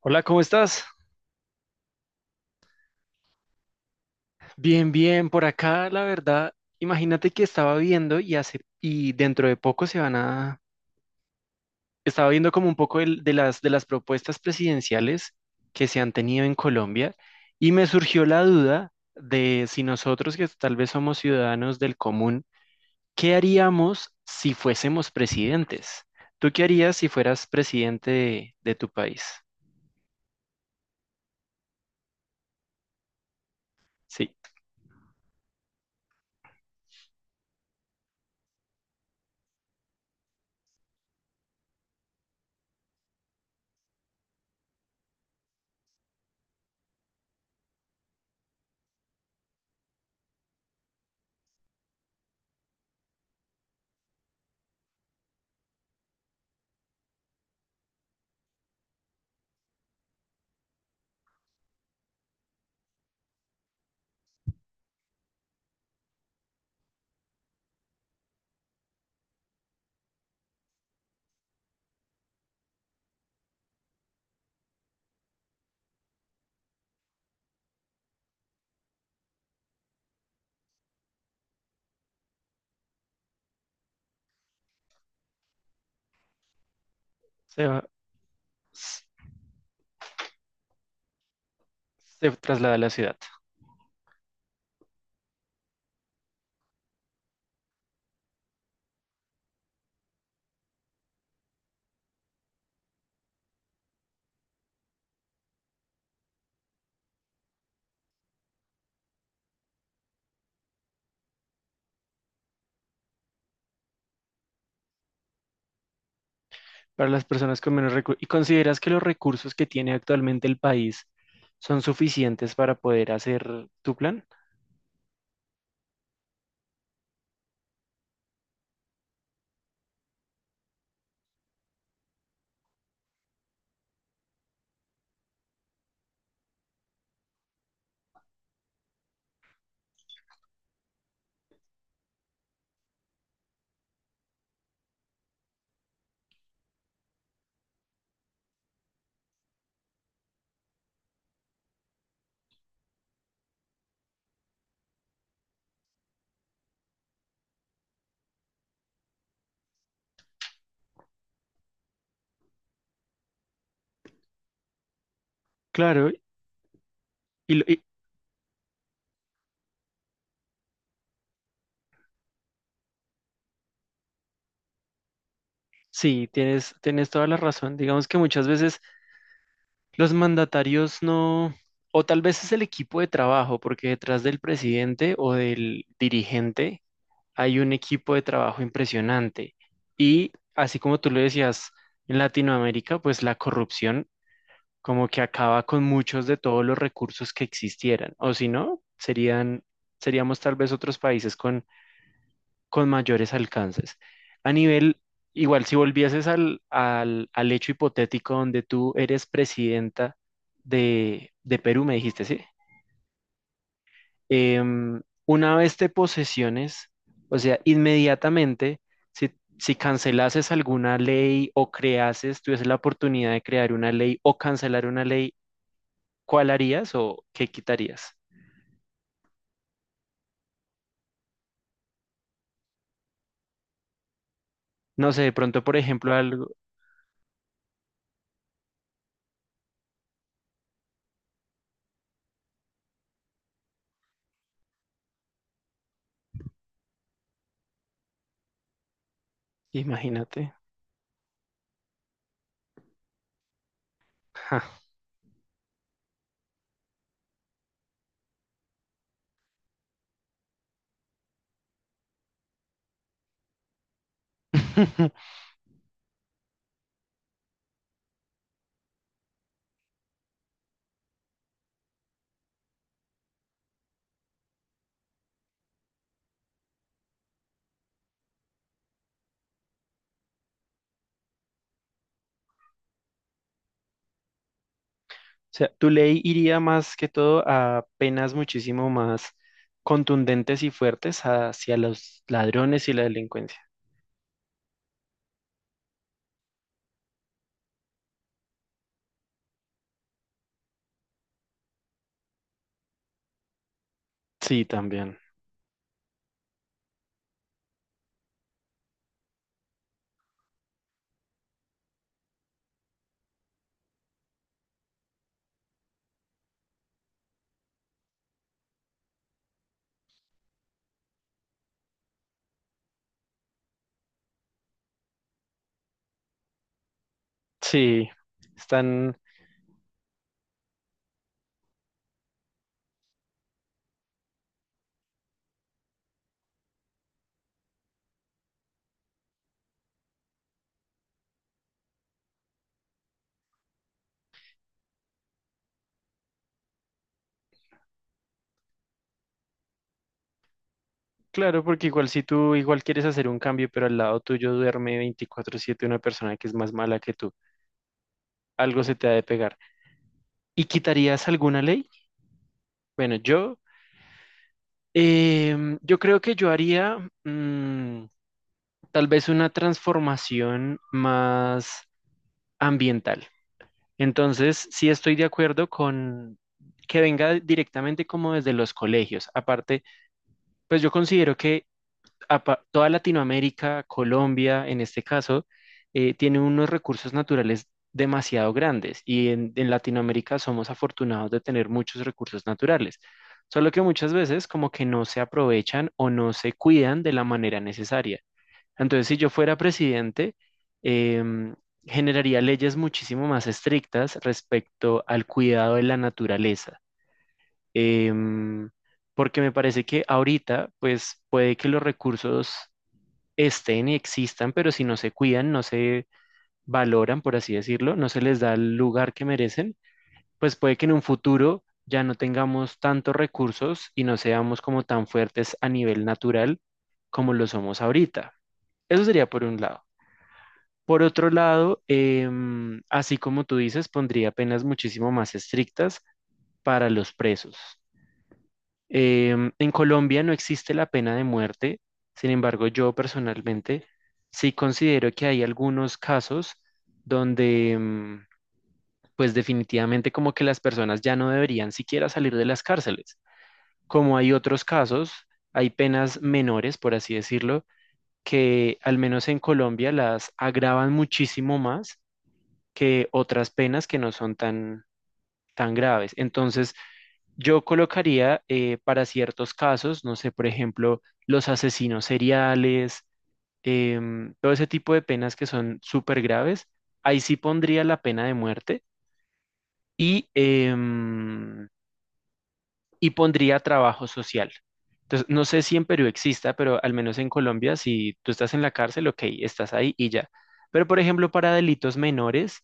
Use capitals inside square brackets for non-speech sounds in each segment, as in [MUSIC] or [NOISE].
Hola, ¿cómo estás? Bien, bien, por acá, la verdad, imagínate que estaba viendo y dentro de poco se van a estaba viendo como un poco de las propuestas presidenciales que se han tenido en Colombia y me surgió la duda de si nosotros que tal vez somos ciudadanos del común, ¿qué haríamos si fuésemos presidentes? ¿Tú qué harías si fueras presidente de tu país? Sí, se va- se traslada a la ciudad. Para las personas con menos recursos. ¿Y consideras que los recursos que tiene actualmente el país son suficientes para poder hacer tu plan? Claro, y, lo- y- sí, tienes toda la razón. Digamos que muchas veces los mandatarios no, o tal vez es el equipo de trabajo, porque detrás del presidente o del dirigente hay un equipo de trabajo impresionante. Y así como tú lo decías, en Latinoamérica, pues la corrupción como que acaba con muchos de todos los recursos que existieran, o si no, serían, seríamos tal vez otros países con mayores alcances. A nivel, igual, si volvieses al hecho hipotético donde tú eres presidenta de Perú, me dijiste, ¿sí? Una vez te posesiones, o sea, inmediatamente, si, si cancelases alguna ley o creases, tuvieses la oportunidad de crear una ley o cancelar una ley, ¿cuál harías o qué quitarías? No sé, de pronto, por ejemplo, algo, imagínate. Ja. [LAUGHS] Sea, tu ley iría más que todo a penas muchísimo más contundentes y fuertes hacia los ladrones y la delincuencia. Sí, también. Sí, están, claro, porque igual si tú igual quieres hacer un cambio, pero al lado tuyo duerme 24/7 una persona que es más mala que tú, algo se te ha de pegar. ¿Y quitarías alguna ley? Bueno, yo, yo creo que yo haría mm, tal vez una transformación más ambiental. Entonces, sí estoy de acuerdo con que venga directamente como desde los colegios. Aparte, pues yo considero que toda Latinoamérica, Colombia en este caso, tiene unos recursos naturales demasiado grandes y en Latinoamérica somos afortunados de tener muchos recursos naturales, solo que muchas veces como que no se aprovechan o no se cuidan de la manera necesaria. Entonces, si yo fuera presidente, em, generaría leyes muchísimo más estrictas respecto al cuidado de la naturaleza. Em, Porque me parece que ahorita, pues puede que los recursos estén y existan, pero si no se cuidan, no se valoran, por así decirlo, no se les da el lugar que merecen, pues puede que en un futuro ya no tengamos tantos recursos y no seamos como tan fuertes a nivel natural como lo somos ahorita. Eso sería por un lado. Por otro lado, así como tú dices, pondría penas muchísimo más estrictas para los presos. En Colombia no existe la pena de muerte, sin embargo, yo personalmente sí considero que hay algunos casos donde, pues definitivamente como que las personas ya no deberían siquiera salir de las cárceles. Como hay otros casos, hay penas menores, por así decirlo, que al menos en Colombia las agravan muchísimo más que otras penas que no son tan, tan graves. Entonces, yo colocaría para ciertos casos, no sé, por ejemplo, los asesinos seriales, todo ese tipo de penas que son súper graves, ahí sí pondría la pena de muerte y, y pondría trabajo social. Entonces, no sé si en Perú exista, pero al menos en Colombia, si tú estás en la cárcel, ok, estás ahí y ya. Pero, por ejemplo, para delitos menores,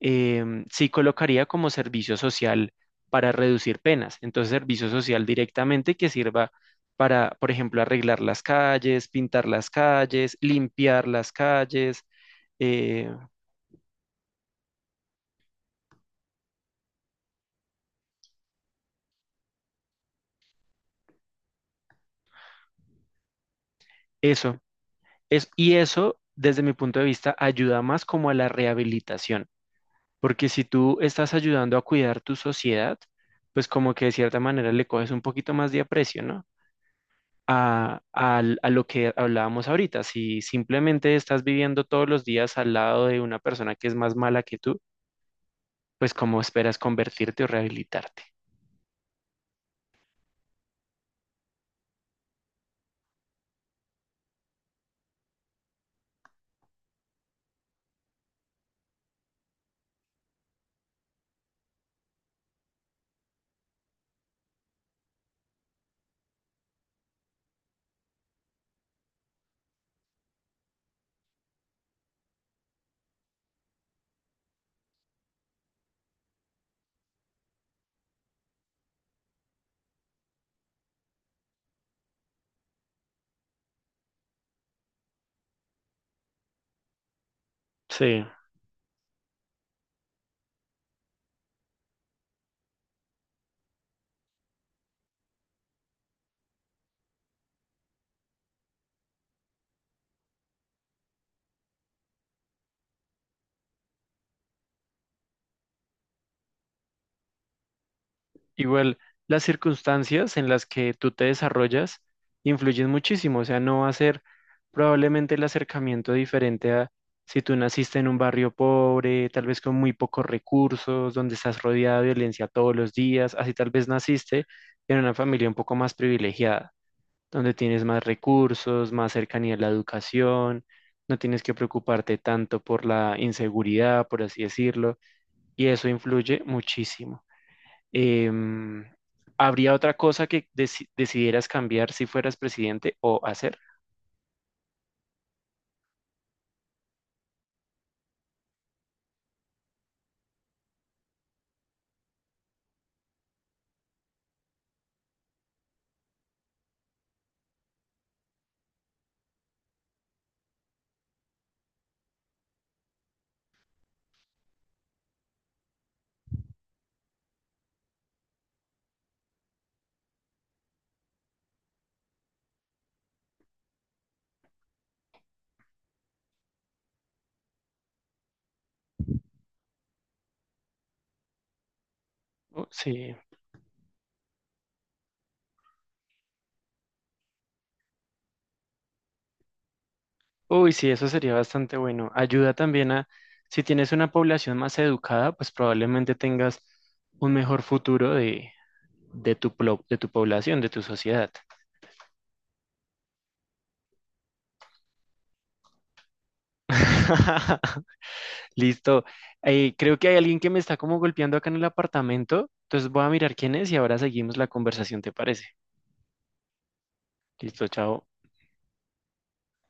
sí colocaría como servicio social para reducir penas. Entonces, servicio social directamente que sirva para, por ejemplo, arreglar las calles, pintar las calles, limpiar las calles, eh, eso. Es, y eso, desde mi punto de vista, ayuda más como a la rehabilitación, porque si tú estás ayudando a cuidar tu sociedad, pues como que de cierta manera le coges un poquito más de aprecio, ¿no? A, a lo que hablábamos ahorita. Si simplemente estás viviendo todos los días al lado de una persona que es más mala que tú, pues ¿cómo esperas convertirte o rehabilitarte? Sí. Igual, las circunstancias en las que tú te desarrollas influyen muchísimo. O sea, no va a ser probablemente el acercamiento diferente a si tú naciste en un barrio pobre, tal vez con muy pocos recursos, donde estás rodeado de violencia todos los días, así tal vez naciste en una familia un poco más privilegiada donde tienes más recursos, más cercanía a la educación, no tienes que preocuparte tanto por la inseguridad, por así decirlo, y eso influye muchísimo. Em, ¿Habría otra cosa que decidieras cambiar si fueras presidente o hacer? Oh, sí. Uy, sí, eso sería bastante bueno. Ayuda también a, si tienes una población más educada, pues probablemente tengas un mejor futuro de, de tu población, de tu sociedad. [LAUGHS] Listo. Creo que hay alguien que me está como golpeando acá en el apartamento. Entonces voy a mirar quién es y ahora seguimos la conversación, ¿te parece? Listo, chao.